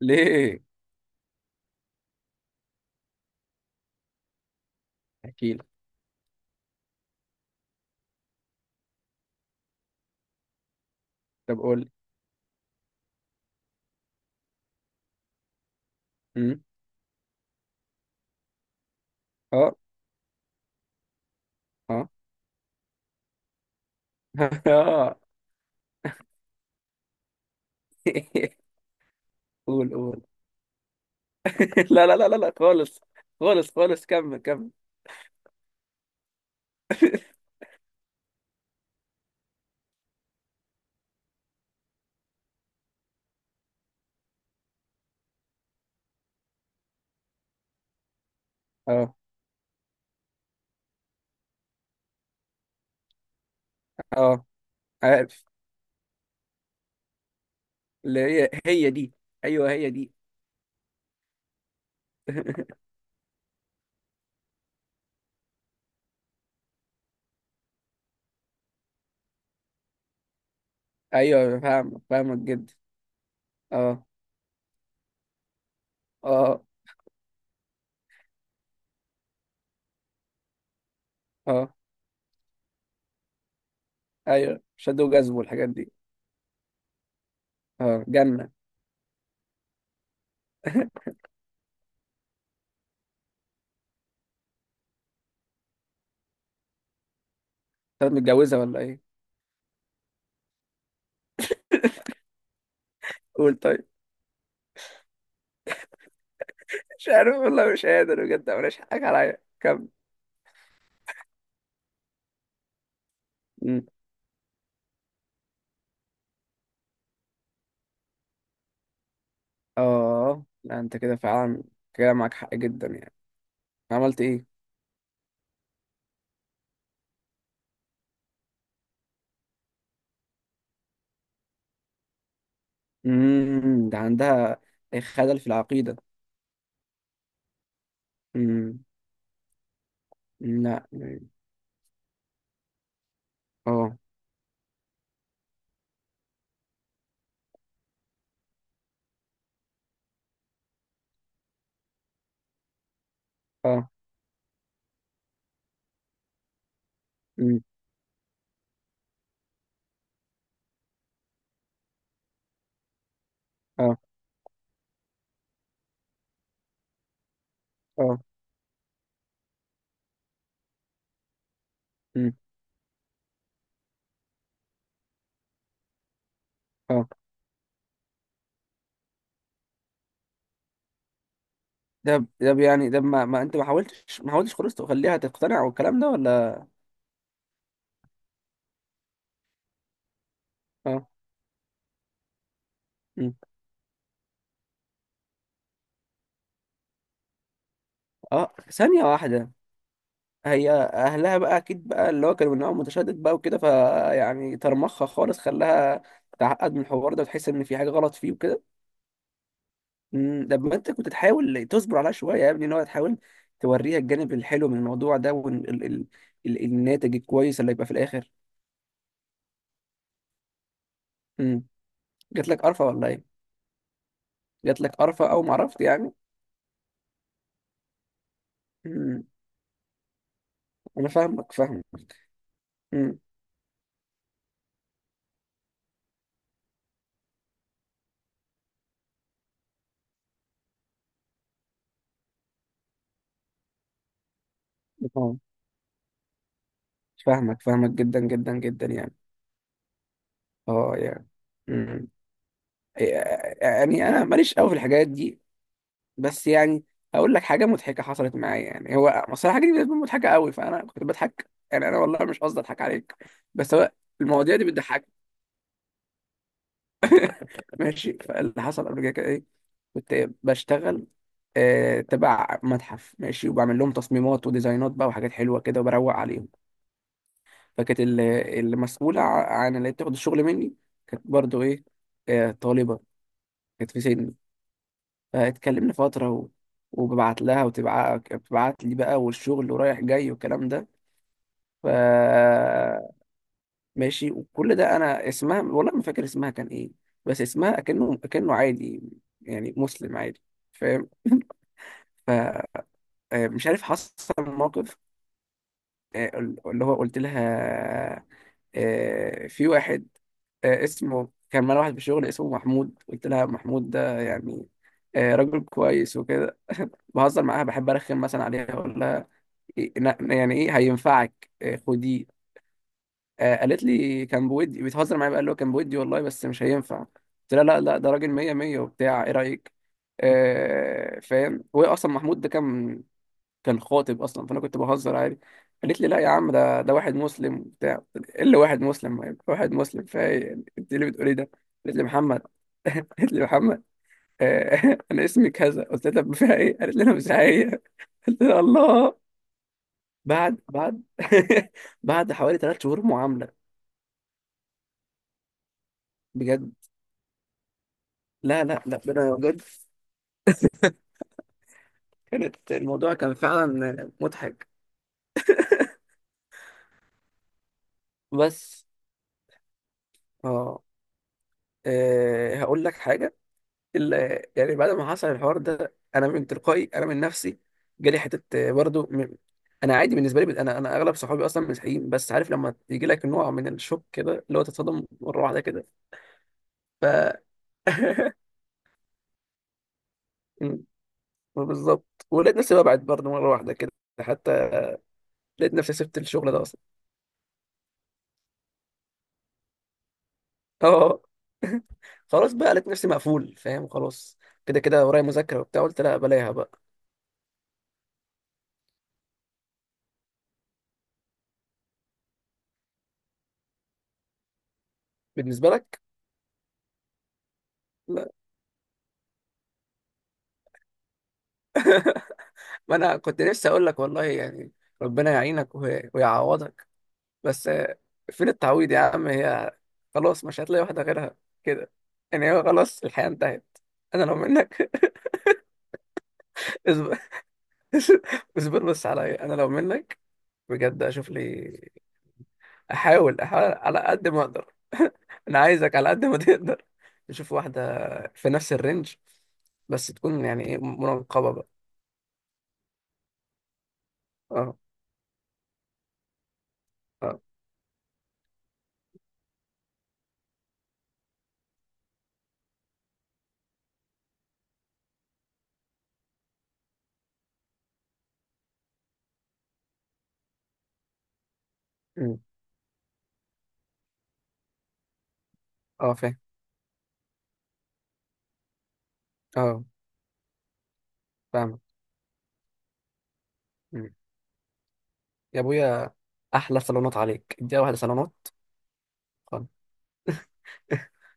ليه؟ احكي لي. طب قول لي. أمم، اه اه. اه. قول قول. لا لا لا لا لا خالص. خالص خالص كمل كمل. اه اه عارف. اللي هي هي دي. ايوه هي دي. ايوه، فاهمك فاهمك جدا. اه اه اه. ايوه، شادو جذب والحاجات دي. اه، جنة. طب، متجوزة ولا ايه؟ قول طيب. مش عارف والله، مش قادر بجد، مفيش حاجة عليا، كمل. أمم. اه لا، انت كده فعلا. كده معاك حق جدا يعني. عملت ايه؟ ده عندها خلل في العقيدة. امم. لا. اه. اه. امم. اه. اه. امم. اه. ده يعني ده ما انت ما حاولتش ما حاولتش خالص تخليها تقتنع والكلام ده، ولا؟ اه. امم. اه، ثانية واحدة. هي اهلها بقى اكيد بقى، اللي هو كانوا من نوع متشدد بقى وكده، فيعني طرمخها خالص، خلاها تعقد من الحوار ده وتحس ان في حاجة غلط فيه وكده. طب، ما انت كنت تحاول تصبر عليها شويه يا ابني، ان هو تحاول توريها الجانب الحلو من الموضوع ده، والناتج الكويس اللي يبقى في الاخر. مم. جات لك قرفه ولا ايه؟ جات لك قرفه او ما عرفت يعني. مم. انا فاهمك، فاهم. مم. آه، فاهمك فاهمك جدا جدا جدا يعني. اه يعني. مم. يعني انا ماليش قوي في الحاجات دي. بس يعني هقول لك حاجه مضحكه حصلت معايا، يعني هو اصل الحاجه دي بالنسبه لي مضحكه قوي، فانا كنت بضحك، يعني انا والله مش قصدي اضحك عليك. بس هو المواضيع دي بتضحك. ماشي، فاللي حصل قبل كده كان ايه؟ كنت بشتغل تبع متحف، ماشي، وبعمل لهم تصميمات وديزاينات بقى وحاجات حلوه كده وبروق عليهم. فكانت المسؤوله عن اللي بتاخد الشغل مني كانت برضو ايه، طالبه. كانت في سني. فاتكلمنا فتره وببعت لها بتبعت لي بقى، والشغل ورايح جاي والكلام ده. ف، ماشي. وكل ده، انا اسمها والله ما فاكر اسمها كان ايه. بس اسمها اكنه عادي، يعني مسلم عادي، فاهم. فمش عارف، حصل موقف، آه، اللي هو قلت لها، في واحد، اسمه، كان معانا واحد في الشغل اسمه محمود. قلت لها محمود ده يعني راجل كويس وكده. بهزر معاها، بحب ارخم مثلا عليها، اقول لها يعني ايه هينفعك، خديه. قالت لي كان بودي، بتهزر معايا بقى، اللي هو كان بودي والله، بس مش هينفع. قلت لها لا لا، ده راجل مية مية وبتاع، ايه رأيك. فاهم، هو اصلا محمود ده كان خاطب اصلا، فانا كنت بهزر عادي. قالت لي لا يا عم، ده واحد مسلم وبتاع. قلت لها، ايه اللي واحد مسلم، يعني واحد مسلم فايه يعني؟ انت ليه بتقولي ده؟ قالت لي محمد. قالت لي محمد. انا اسمي كذا. قلت لها طب فيها ايه؟ قالت لي انا مش عاية. قلت لها الله. بعد بعد بعد حوالي 3 شهور معاملة. بجد. لا لا لا. بجد، كانت الموضوع كان فعلا مضحك. بس اه، هقول لك حاجة. يعني بعد ما حصل الحوار ده، أنا من تلقائي، أنا من نفسي، جالي حتة برضو أنا عادي بالنسبة لي، أنا أغلب صحابي أصلا مسيحيين، بس عارف لما يجي لك نوع من الشوك كده، اللي هو تتصدم مرة واحدة كده. ف م، بالظبط. ولقيت نفسي ببعد برضو مرة واحدة كده، حتى لقيت نفسي سبت الشغل ده أصلا. اه خلاص بقى، لقيت نفسي مقفول، فاهم. خلاص كده كده ورايا مذاكرة وبتاع، قلت لا بلاها بقى. بالنسبة لك؟ لا، ما انا كنت نفسي اقول لك والله يعني، ربنا يعينك ويعوضك. بس فين التعويض يا عم، هي خلاص مش هتلاقي واحدة غيرها كده، يعني هو خلاص، الحياة انتهت. انا لو منك. اصبر. اصبر بس عليا، انا لو منك بجد، اشوف لي، احاول احاول على قد ما اقدر. انا عايزك على قد ما تقدر نشوف واحده في نفس الرينج، بس تكون يعني ايه، منقبه بقى. اه اه. أمم. اه فاهم. اه فاهم. أمم. يا ابويا، احلى صالونات عليك، اديها واحده صالونات. اه.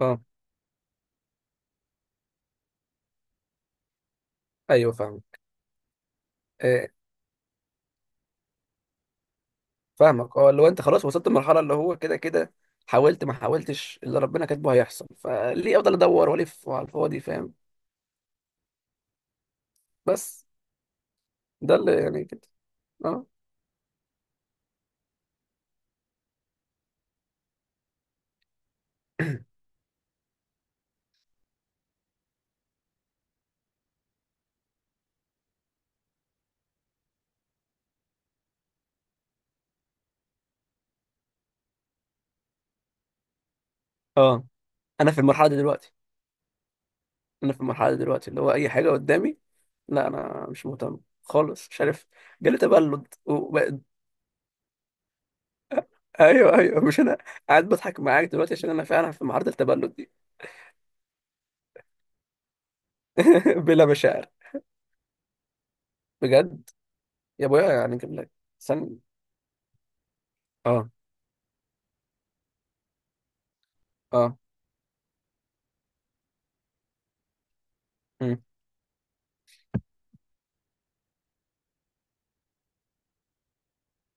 آه. ايوه فاهم. إيه. فاهمك، اه اللي هو انت خلاص وصلت لمرحله، اللي هو كده كده، حاولت ما حاولتش، اللي ربنا كاتبه هيحصل، فليه افضل ادور والف على الفاضي، فاهم. بس ده اللي يعني كده. اه. اه. انا في المرحله دي دلوقتي، انا في المرحله دي دلوقتي اللي هو اي حاجه قدامي، لا انا مش مهتم خالص، مش عارف، جالي تبلد ايوه ايوه، مش انا قاعد بضحك معاك دلوقتي عشان انا فعلا في معرض التبلد دي. بلا مشاعر. بجد. يا ابويا، يعني كان لك سن. اه اه. أمم،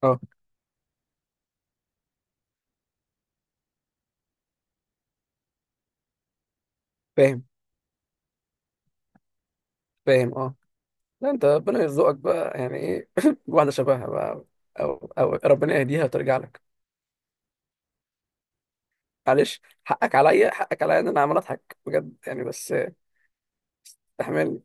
اه فاهم فاهم. اه لا، انت ربنا يرزقك بقى، يعني ايه، واحده شبهها بقى، او ربنا يهديها وترجع لك. معلش، حقك عليا، حقك عليا ان انا عمال اضحك بجد يعني، بس استحملني.